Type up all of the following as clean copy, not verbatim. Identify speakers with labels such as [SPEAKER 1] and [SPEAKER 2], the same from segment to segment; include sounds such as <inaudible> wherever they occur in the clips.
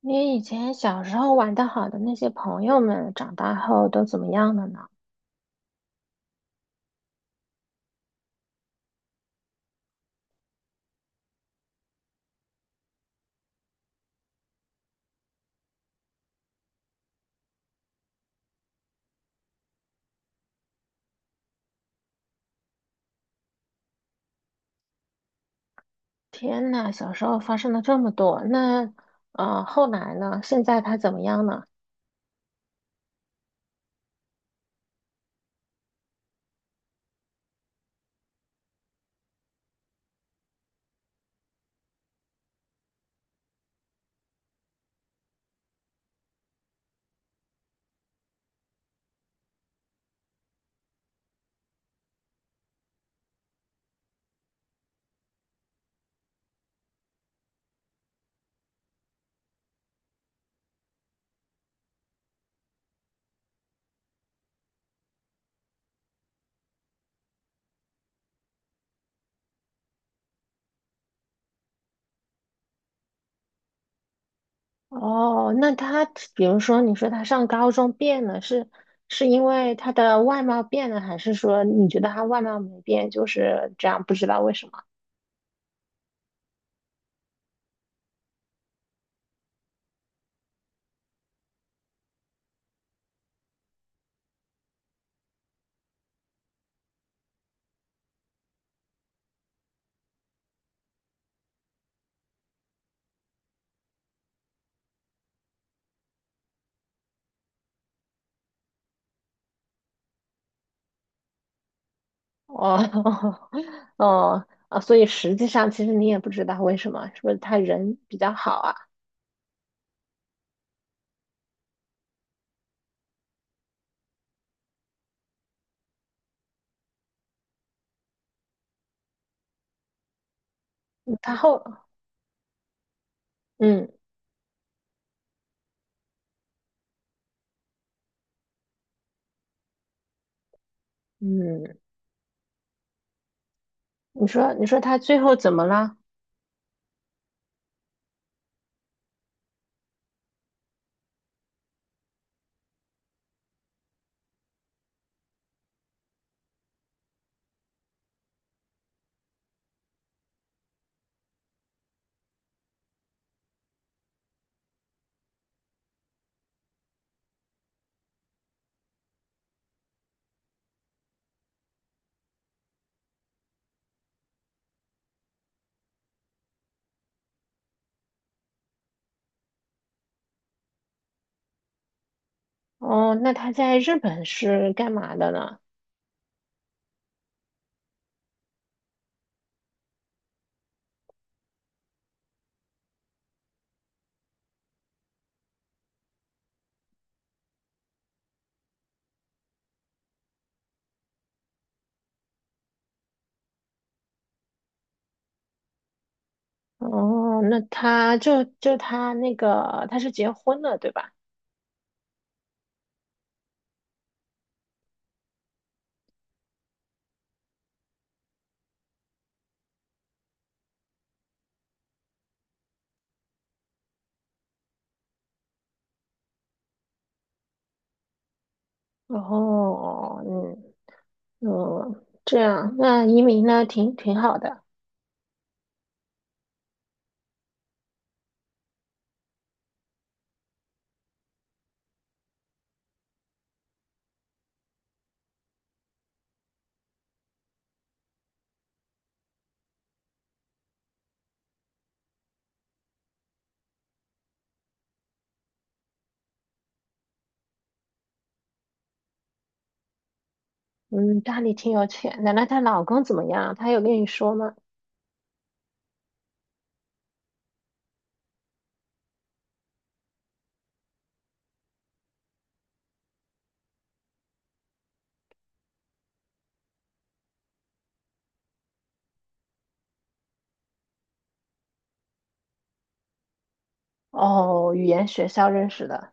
[SPEAKER 1] 你以前小时候玩得好的那些朋友们，长大后都怎么样了呢？天呐，小时候发生了这么多，那后来呢？现在他怎么样呢？哦，那他比如说你说他上高中变了，是因为他的外貌变了，还是说你觉得他外貌没变，就是这样不知道为什么？哦。 <laughs> 哦啊，所以实际上其实你也不知道为什么，是不是他人比较好啊？嗯嗯嗯。你说他最后怎么了？哦，那他在日本是干嘛的呢？哦，那他就就他那个他是结婚了，对吧？哦，嗯嗯，这样，那移民呢，挺好的。嗯，家里挺有钱。奶奶，她老公怎么样？她有跟你说吗？哦，语言学校认识的。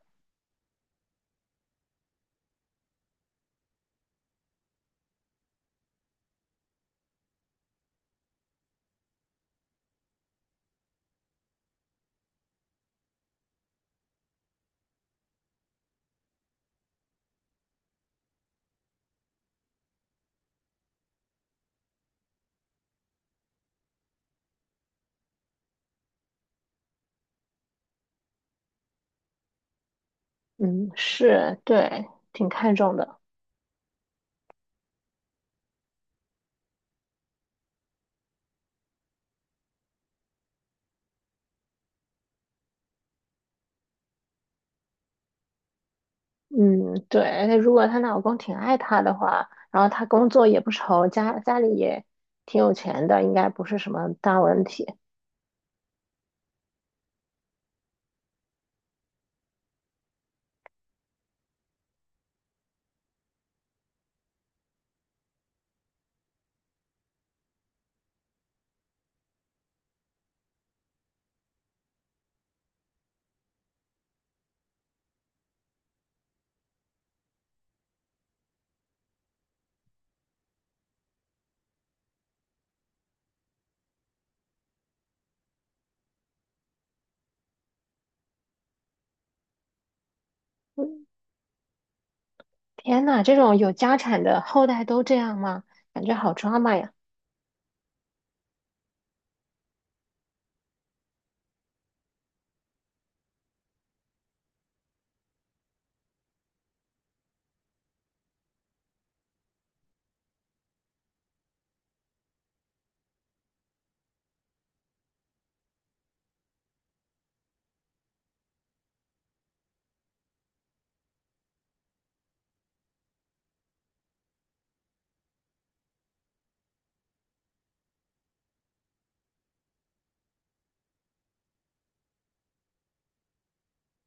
[SPEAKER 1] 嗯，是，对，挺看重的。嗯，对，而且如果她老公挺爱她的话，然后她工作也不愁，家里也挺有钱的，应该不是什么大问题。嗯天呐，这种有家产的后代都这样吗？感觉好抓马呀！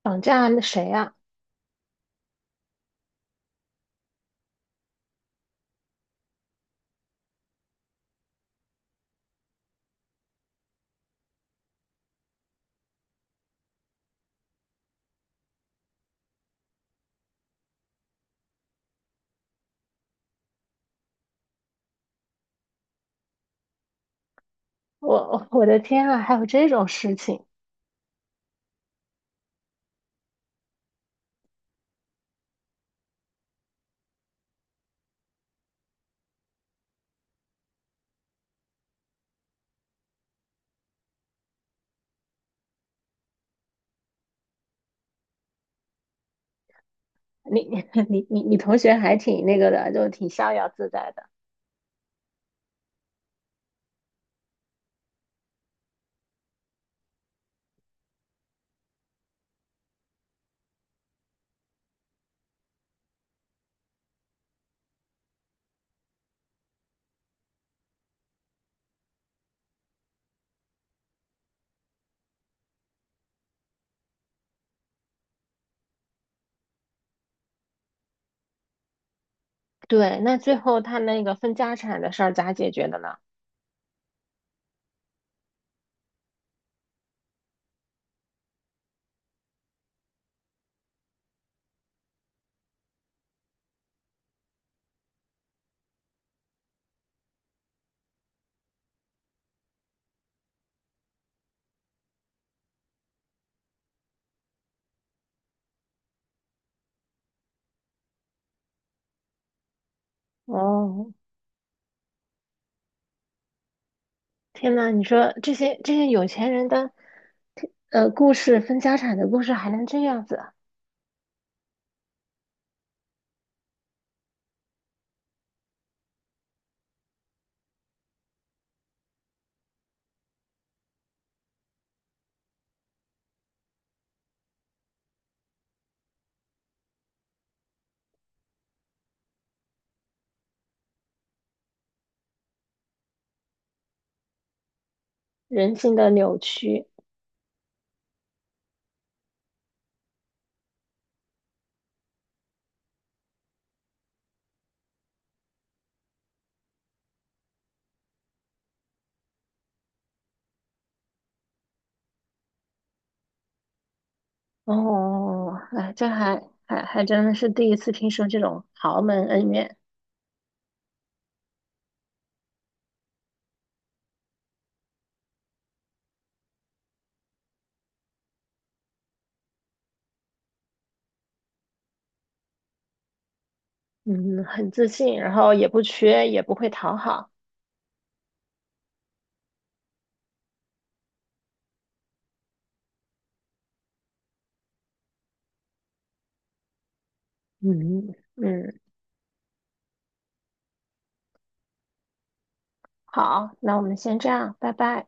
[SPEAKER 1] 绑架那谁呀？我的天啊，还有这种事情！你 <laughs> 你同学还挺那个的，就挺逍遥自在的。对，那最后他那个分家产的事儿咋解决的呢？哦，天呐，你说这些有钱人的，分家产的故事还能这样子啊。人性的扭曲。哦，哎，这还真的是第一次听说这种豪门恩怨。嗯，很自信，然后也不缺，也不会讨好。嗯嗯，好，那我们先这样，拜拜。